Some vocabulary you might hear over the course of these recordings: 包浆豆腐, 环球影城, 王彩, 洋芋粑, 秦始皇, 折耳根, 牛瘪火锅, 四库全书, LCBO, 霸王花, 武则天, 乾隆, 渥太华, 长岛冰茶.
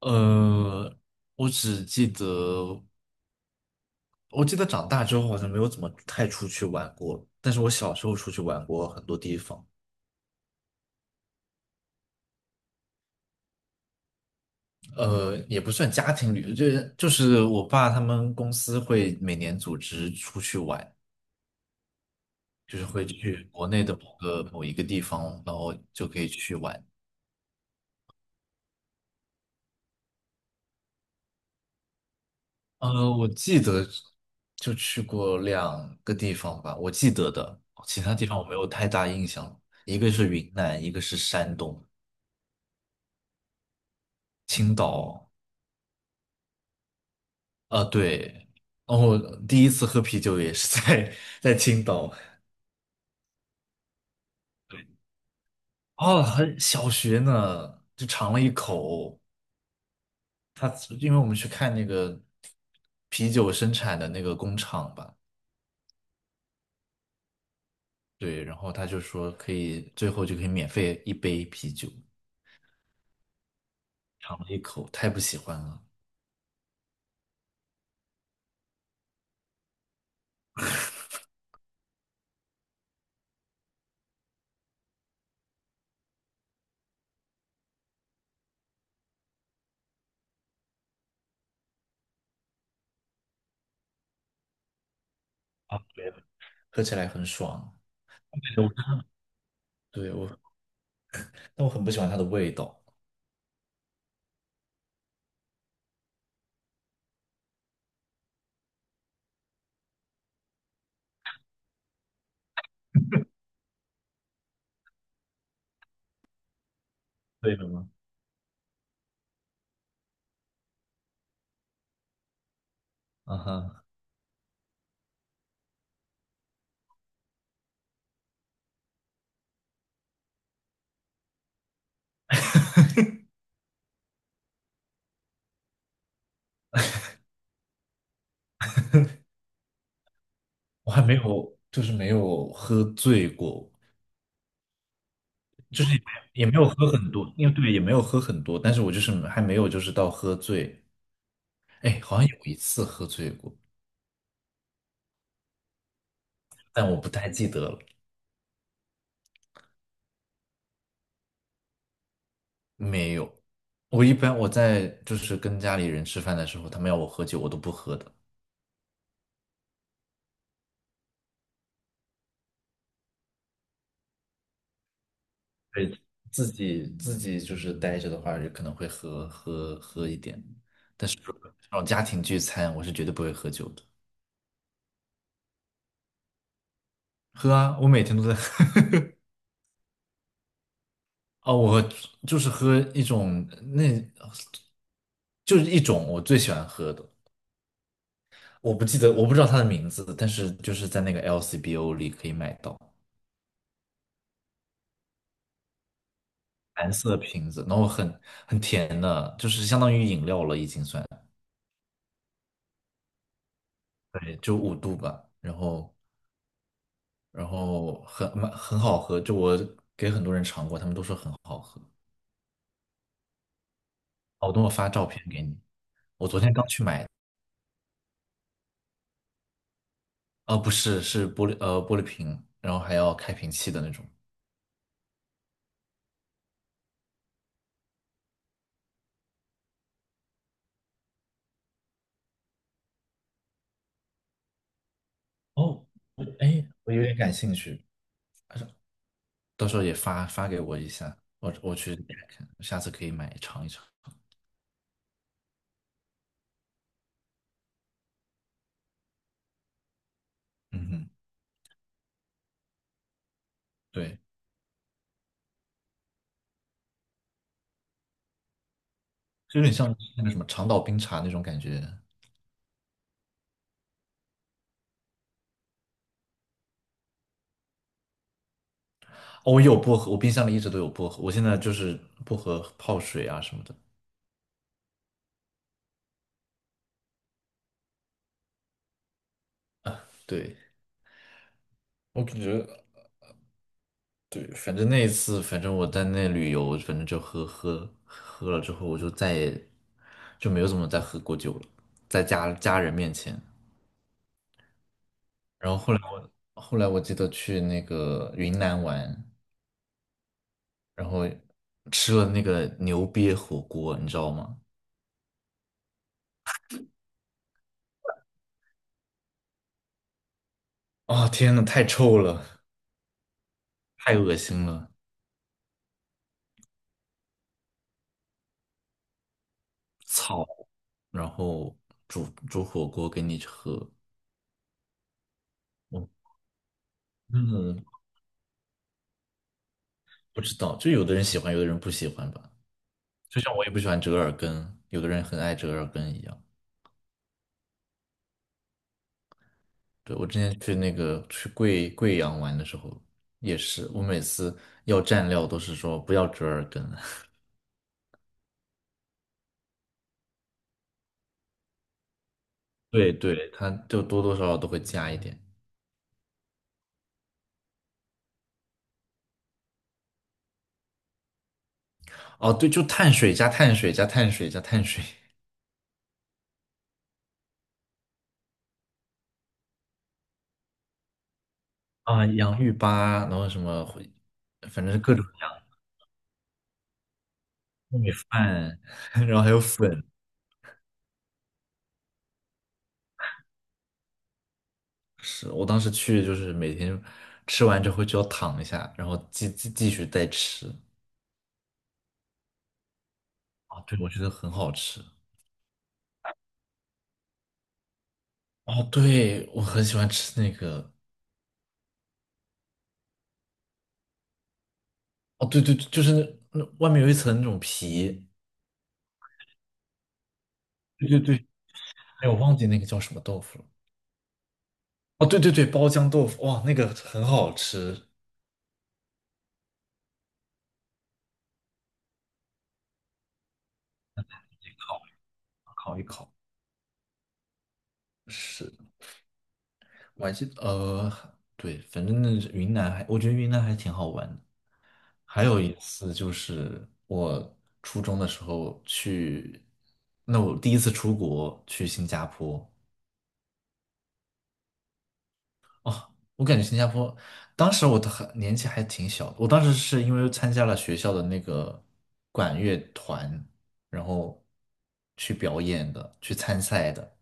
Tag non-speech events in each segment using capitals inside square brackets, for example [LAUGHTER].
呃，我只记得，我记得长大之后好像没有怎么太出去玩过，但是我小时候出去玩过很多地方。也不算家庭旅游，就是我爸他们公司会每年组织出去玩，就是会去国内的某一个地方，然后就可以去玩。我记得就去过2个地方吧，我记得的，其他地方我没有太大印象，一个是云南，一个是山东，青岛。啊对，然后第一次喝啤酒也是在 [LAUGHS] 在青岛。哦，很小学呢，就尝了一口。他因为我们去看那个啤酒生产的那个工厂吧，对，然后他就说可以，最后就可以免费1杯啤酒，尝了一口，太不喜欢了。啊，对，喝起来很爽。对，[LAUGHS] 我，但我很不喜欢它的味道。为什么？啊哈，我还没有，就是没有喝醉过。就是也也没有喝很多，因为对，也没有喝很多，但是我就是还没有就是到喝醉。哎，好像有一次喝醉过，但我不太记得了。没有，我一般我在就是跟家里人吃饭的时候，他们要我喝酒，我都不喝的。对，自己就是待着的话，就可能会喝一点，但是这种家庭聚餐，我是绝对不会喝酒的。喝啊，我每天都在喝。[LAUGHS] 哦，我就是喝一种那，就是一种我最喜欢喝的。我不记得，我不知道它的名字，但是就是在那个 LCBO 里可以买到蓝色瓶子，然后很甜的，就是相当于饮料了已经算。对，就5度吧，然后很好喝，就我给很多人尝过，他们都说很好喝。好，我等我发照片给你，我昨天刚去买的。哦，不是，是玻璃瓶，然后还要开瓶器的那种。哦，我有点感兴趣，到时候也发给我一下，我去看看，下次可以买尝一尝。嗯哼，对，就有点像那个什么长岛冰茶那种感觉。哦，我有薄荷，我冰箱里一直都有薄荷，我现在就是薄荷泡水啊什么的。对，我感觉，对，反正那一次，反正我在那旅游，反正就喝了之后，我就再也就没有怎么再喝过酒了，在家家人面前。然后后来我记得去那个云南玩，然后吃了那个牛瘪火锅，你知道吗？啊天呐，太臭了，太恶心了。草，然后煮火锅给你喝。我嗯，不知道，就有的人喜欢，有的人不喜欢吧。就像我也不喜欢折耳根，有的人很爱折耳根一样。对，我之前去那个去贵阳玩的时候也是，我每次要蘸料都是说不要折耳根。对对，它就多多少少都会加一点。哦，对，就碳水加碳水加碳水加碳水。啊，洋芋粑，然后什么回反正是各种各样糯米饭，[LAUGHS] 然后还有粉。是我当时去就是每天吃完之后就要躺一下，然后继续再吃。啊，对，我觉得很好吃。哦，对，我很喜欢吃那个。哦，对就是那外面有一层那种皮。对对对，哎，我忘记那个叫什么豆腐了。哦，对对对，包浆豆腐，哇，那个很好吃。是，我还记得，对，反正云南还，我觉得云南还挺好玩的。还有一次就是我初中的时候去，那我第一次出国去新加坡。哦，我感觉新加坡当时我的很年纪还挺小的，我当时是因为参加了学校的那个管乐团，然后去表演的，去参赛的。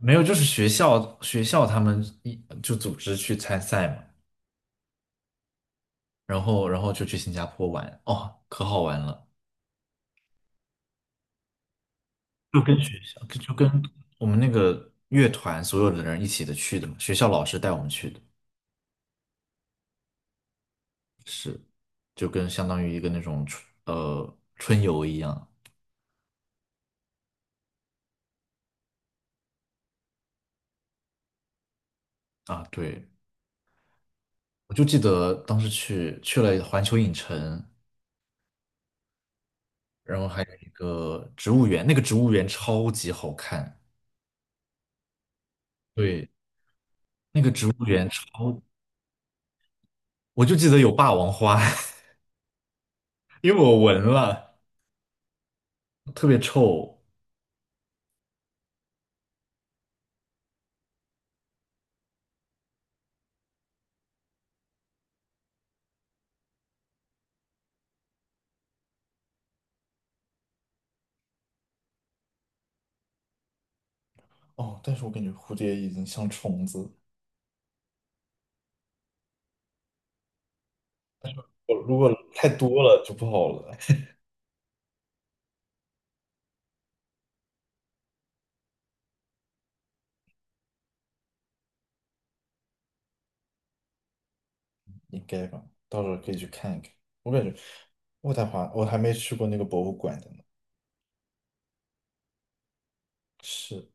没有，就是学校他们就组织去参赛嘛，然后就去新加坡玩。哦，可好玩了，就跟学校就我们那个乐团所有的人一起的去的嘛，学校老师带我们去的。是，就跟相当于一个那种春游一样。啊，对，我就记得当时去了环球影城，然后还有一个植物园，那个植物园超级好看。对，那个植物园超，我就记得有霸王花。[LAUGHS] 因为我闻了，特别臭。哦，但是我感觉蝴蝶已经像虫子，我如果太多了就不好了。应该吧？到时候可以去看一看。我感觉渥太华，我还没去过那个博物馆的呢。是，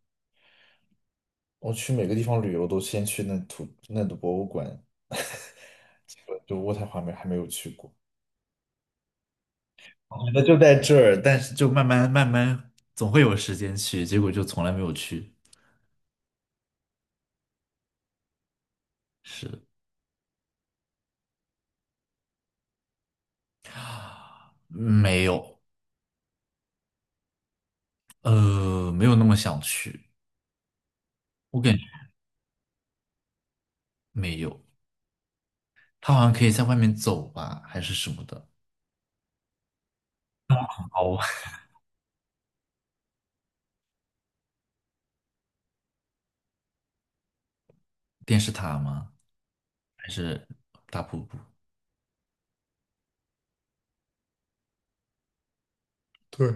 我去每个地方旅游都先去那的博物馆，[LAUGHS] 结果就渥太华没还没有去过。我觉得就在这儿，但是就慢慢，总会有时间去，结果就从来没有去。是，没有，没有那么想去。我感觉没有，他好像可以在外面走吧，还是什么的。哦，[LAUGHS] 电视塔吗？还是大瀑布？对，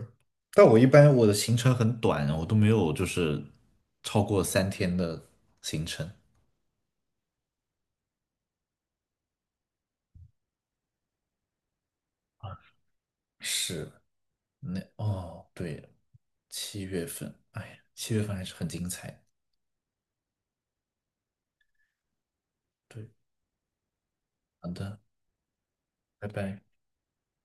但我一般我的行程很短，我都没有就是超过3天的行程。是，对，七月份，哎呀，七月份还是很精彩。对，好的，拜拜。